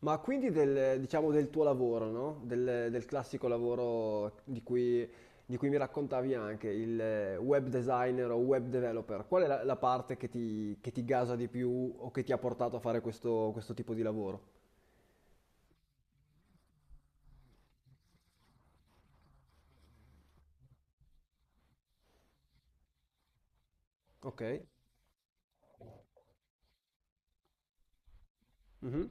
Ma quindi del, diciamo, del tuo lavoro, no? Del classico lavoro di cui mi raccontavi anche, il web designer o web developer, qual è la parte che ti gasa di più o che ti ha portato a fare questo tipo di lavoro? Ok? Mhm.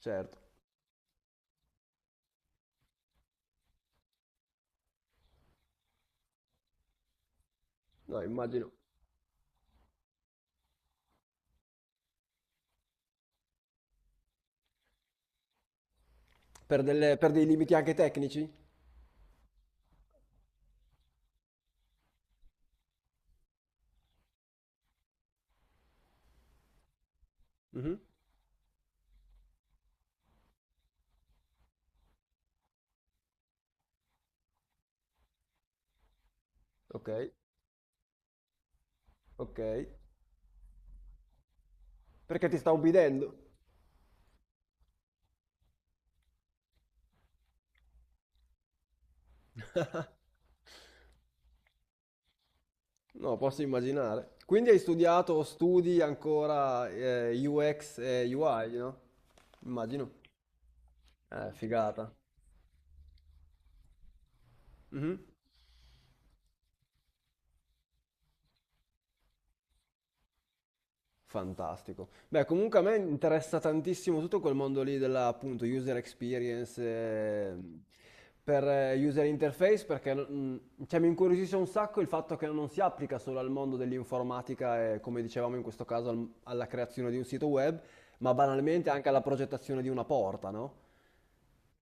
Certo. No, immagino. Per, per dei limiti anche tecnici? Mhm. Ok, ok. Perché ti sta ubbidendo? No, posso immaginare. Quindi hai studiato o studi ancora UX e UI, no? Immagino. Figata. Mhm. Fantastico. Beh, comunque a me interessa tantissimo tutto quel mondo lì della, appunto, user experience per user interface perché cioè, mi incuriosisce un sacco il fatto che non si applica solo al mondo dell'informatica e, come dicevamo in questo caso, alla creazione di un sito web, ma banalmente anche alla progettazione di una porta, no?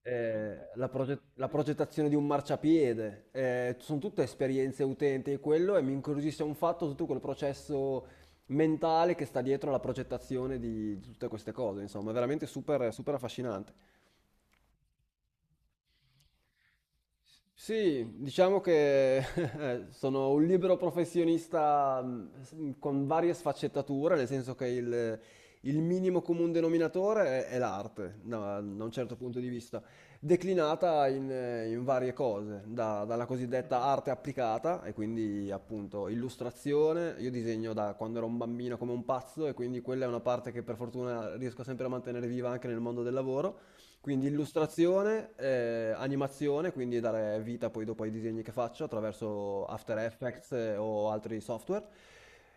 Eh, la, la progettazione di un marciapiede, sono tutte esperienze utenti e quello e mi incuriosisce un fatto tutto quel processo mentale che sta dietro alla progettazione di tutte queste cose, insomma, è veramente super, super affascinante. Sì, diciamo che sono un libero professionista con varie sfaccettature, nel senso che il minimo comune denominatore è l'arte, da un certo punto di vista, declinata in varie cose, dalla cosiddetta arte applicata, e quindi appunto illustrazione, io disegno da quando ero un bambino come un pazzo, e quindi quella è una parte che per fortuna riesco sempre a mantenere viva anche nel mondo del lavoro. Quindi illustrazione, animazione, quindi dare vita poi dopo ai disegni che faccio attraverso After Effects o altri software.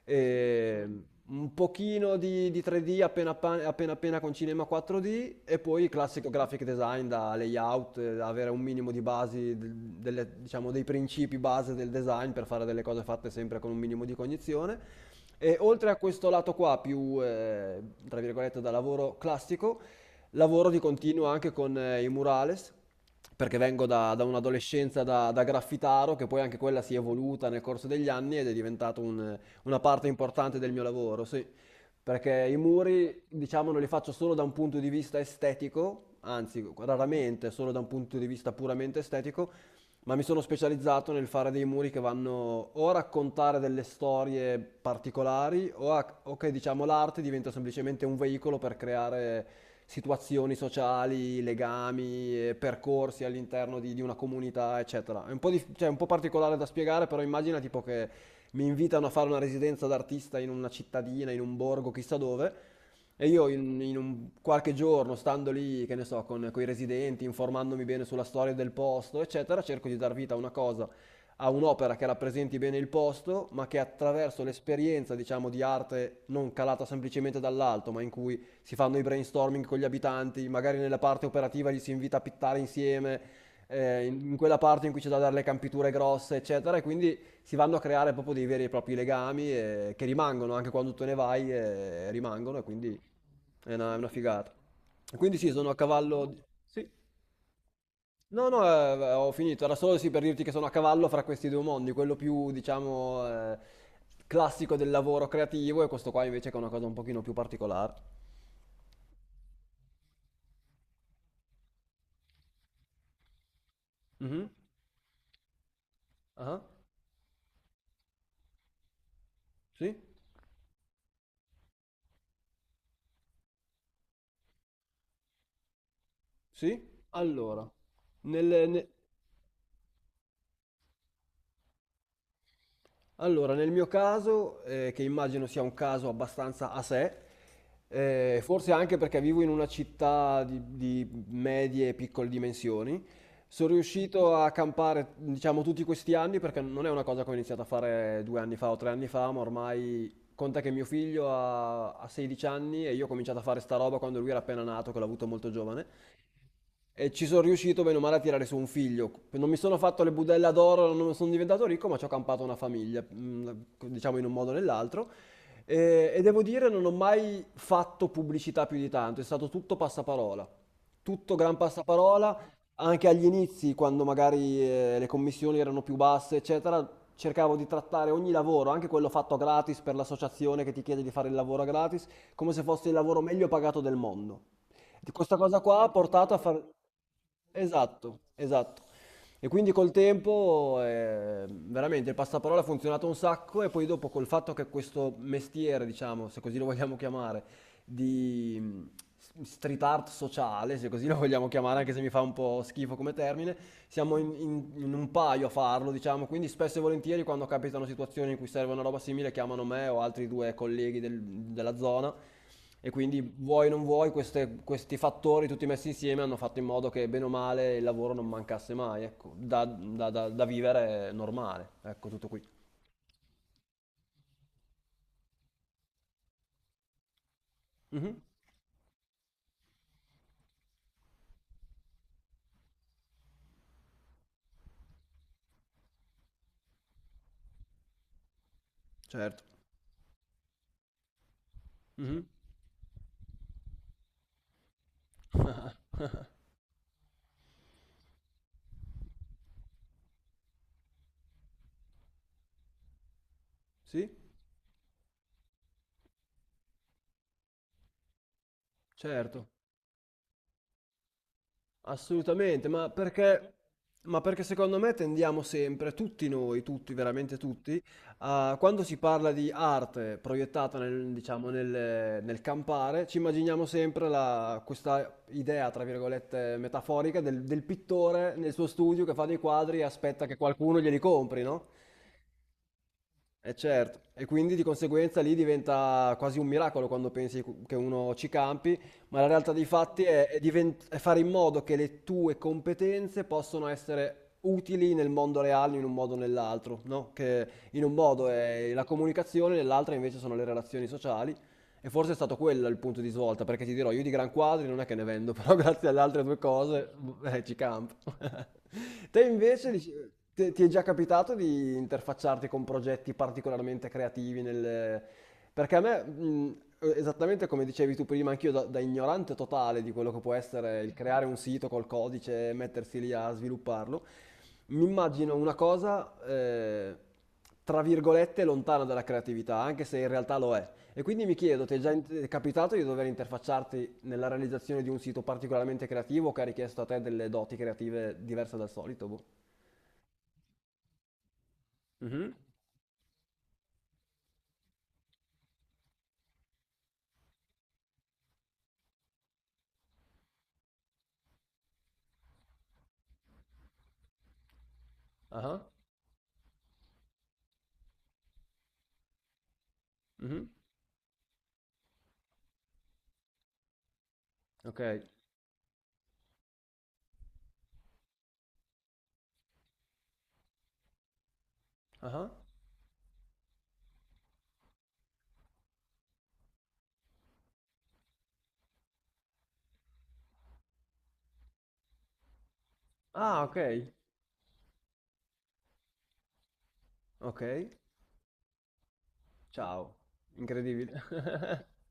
E un pochino di 3D appena, appena appena con Cinema 4D e poi classico graphic design da layout, da avere un minimo di basi, diciamo dei principi base del design per fare delle cose fatte sempre con un minimo di cognizione. E oltre a questo lato qua più, tra virgolette, da lavoro classico, lavoro di continuo anche con i murales, perché vengo da un'adolescenza da graffitaro, che poi anche quella si è evoluta nel corso degli anni ed è diventata una parte importante del mio lavoro, sì. Perché i muri, diciamo, non li faccio solo da un punto di vista estetico, anzi, raramente solo da un punto di vista puramente estetico, ma mi sono specializzato nel fare dei muri che vanno o a raccontare delle storie particolari o, o che diciamo l'arte diventa semplicemente un veicolo per creare situazioni sociali, legami, percorsi all'interno di una comunità, eccetera. È un po', cioè, è un po' particolare da spiegare, però immagina tipo che mi invitano a fare una residenza d'artista in una cittadina, in un borgo, chissà dove. E io in un qualche giorno, stando lì, che ne so, con i residenti, informandomi bene sulla storia del posto, eccetera, cerco di dar vita a una cosa, a un'opera che rappresenti bene il posto, ma che attraverso l'esperienza, diciamo, di arte non calata semplicemente dall'alto, ma in cui si fanno i brainstorming con gli abitanti, magari nella parte operativa li si invita a pittare insieme, in quella parte in cui c'è da dare le campiture grosse, eccetera, e quindi si vanno a creare proprio dei veri e propri legami che rimangono anche quando tu ne vai, rimangono, e quindi... Eh no, è una figata. Quindi sì, sono a cavallo. No, no, ho finito. Era solo sì per dirti che sono a cavallo fra questi due mondi, quello più, diciamo, classico del lavoro creativo e questo qua invece che è una cosa un pochino più particolare. Mhm. Ah. Sì? Sì? Nel, ne- Allora, nel mio caso, che immagino sia un caso abbastanza a sé, forse anche perché vivo in una città di medie e piccole dimensioni, sono riuscito a campare, diciamo, tutti questi anni, perché non è una cosa che ho iniziato a fare due anni fa o tre anni fa, ma ormai conta che mio figlio ha 16 anni e io ho cominciato a fare sta roba quando lui era appena nato, che l'ho avuto molto giovane. E ci sono riuscito bene o male a tirare su un figlio. Non mi sono fatto le budella d'oro, non sono diventato ricco, ma ci ho campato una famiglia, diciamo in un modo o nell'altro. E devo dire, non ho mai fatto pubblicità più di tanto, è stato tutto passaparola. Tutto gran passaparola, anche agli inizi, quando magari le commissioni erano più basse, eccetera, cercavo di trattare ogni lavoro, anche quello fatto gratis per l'associazione che ti chiede di fare il lavoro gratis, come se fosse il lavoro meglio pagato del mondo. Di questa cosa qua ha portato a far... Esatto, esatto. E quindi col tempo veramente il passaparola ha funzionato un sacco e poi dopo col fatto che questo mestiere, diciamo, se così lo vogliamo chiamare, di street art sociale, se così lo vogliamo chiamare, anche se mi fa un po' schifo come termine, siamo in un paio a farlo, diciamo, quindi spesso e volentieri quando capitano situazioni in cui serve una roba simile chiamano me o altri due colleghi della zona e quindi vuoi o non vuoi, questi fattori tutti messi insieme hanno fatto in modo che bene o male il lavoro non mancasse mai, ecco, da vivere normale, ecco tutto qui. Mhm. Certo. Mhm. Sì, certo. Assolutamente, ma perché secondo me tendiamo sempre, tutti noi, tutti, veramente tutti, a, quando si parla di arte proiettata nel, diciamo, nel campare, ci immaginiamo sempre questa idea, tra virgolette, metaforica del, del pittore nel suo studio che fa dei quadri e aspetta che qualcuno glieli compri, no? E certo, e quindi di conseguenza lì diventa quasi un miracolo quando pensi che uno ci campi, ma la realtà dei fatti è fare in modo che le tue competenze possano essere utili nel mondo reale in un modo o nell'altro, no? Che in un modo è la comunicazione, nell'altro invece sono le relazioni sociali. E forse è stato quello il punto di svolta, perché ti dirò, io di gran quadri non è che ne vendo, però grazie alle altre due cose ci campo. Te invece dici- te- Ti è già capitato di interfacciarti con progetti particolarmente creativi nel... Perché a me, esattamente come dicevi tu prima, anch'io da ignorante totale di quello che può essere il creare un sito col codice e mettersi lì a svilupparlo, mi immagino una cosa, tra virgolette, lontana dalla creatività, anche se in realtà lo è. E quindi mi chiedo, ti è capitato di dover interfacciarti nella realizzazione di un sito particolarmente creativo che ha richiesto a te delle doti creative diverse dal solito? Boh. Mhm. Ah, mhm. Ok. Ah. Ah, ok. Ok. Ciao. Incredibile.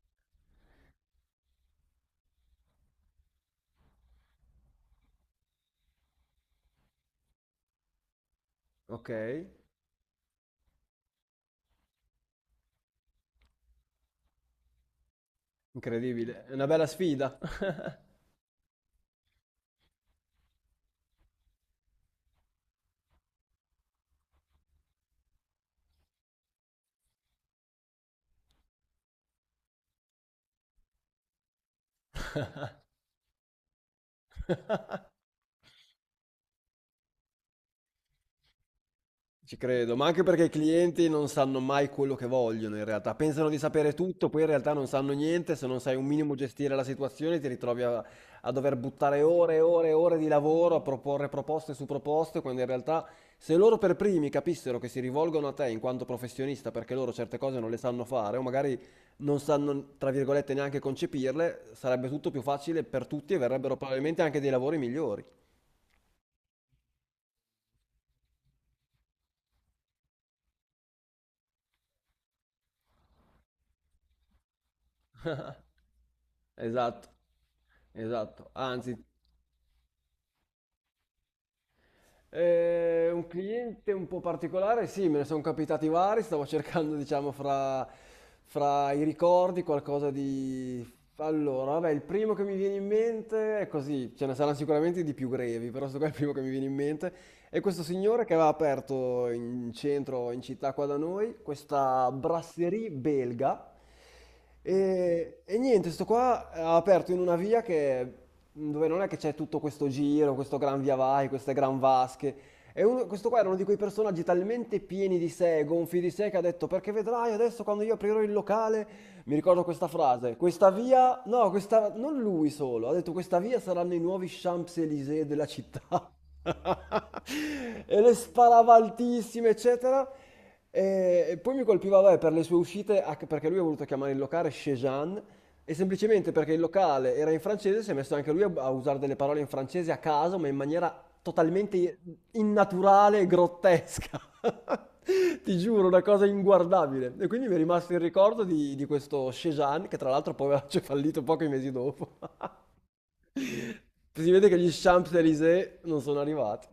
Ok. Incredibile. È una bella sfida. Ci credo, ma anche perché i clienti non sanno mai quello che vogliono in realtà, pensano di sapere tutto, poi in realtà non sanno niente, se non sai un minimo gestire la situazione ti ritrovi a, a dover buttare ore e ore e ore di lavoro, a proporre proposte su proposte, quando in realtà se loro per primi capissero che si rivolgono a te in quanto professionista perché loro certe cose non le sanno fare o magari non sanno, tra virgolette, neanche concepirle, sarebbe tutto più facile per tutti e verrebbero probabilmente anche dei lavori migliori. Esatto. Esatto, anzi. Un cliente un po' particolare, sì, me ne sono capitati vari, stavo cercando, diciamo, fra i ricordi qualcosa di... Allora, vabbè, il primo che mi viene in mente è così, ce ne saranno sicuramente di più grevi, però questo qua è il primo che mi viene in mente. E questo signore che aveva aperto in centro, in città qua da noi, questa brasserie belga. E niente, sto qua ha aperto in una via che, dove non è che c'è tutto questo giro, questo gran via vai, queste gran vasche. E questo qua era uno di quei personaggi talmente pieni di sé, gonfi di sé, che ha detto, perché vedrai adesso quando io aprirò il locale, mi ricordo questa frase, questa via, no, questa, non lui solo, ha detto questa via saranno i nuovi Champs-Élysées della città. e le sparava altissime, eccetera. E poi mi colpiva, vabbè, per le sue uscite, anche perché lui ha voluto chiamare il locale Chejan, e semplicemente perché il locale era in francese, si è messo anche lui a, a usare delle parole in francese a caso, ma in maniera totalmente innaturale e grottesca. Ti giuro, una cosa inguardabile. E quindi mi è rimasto il ricordo di questo Chejan, che tra l'altro poi aveva fallito pochi mesi dopo. Si vede che gli Champs-Élysées non sono arrivati.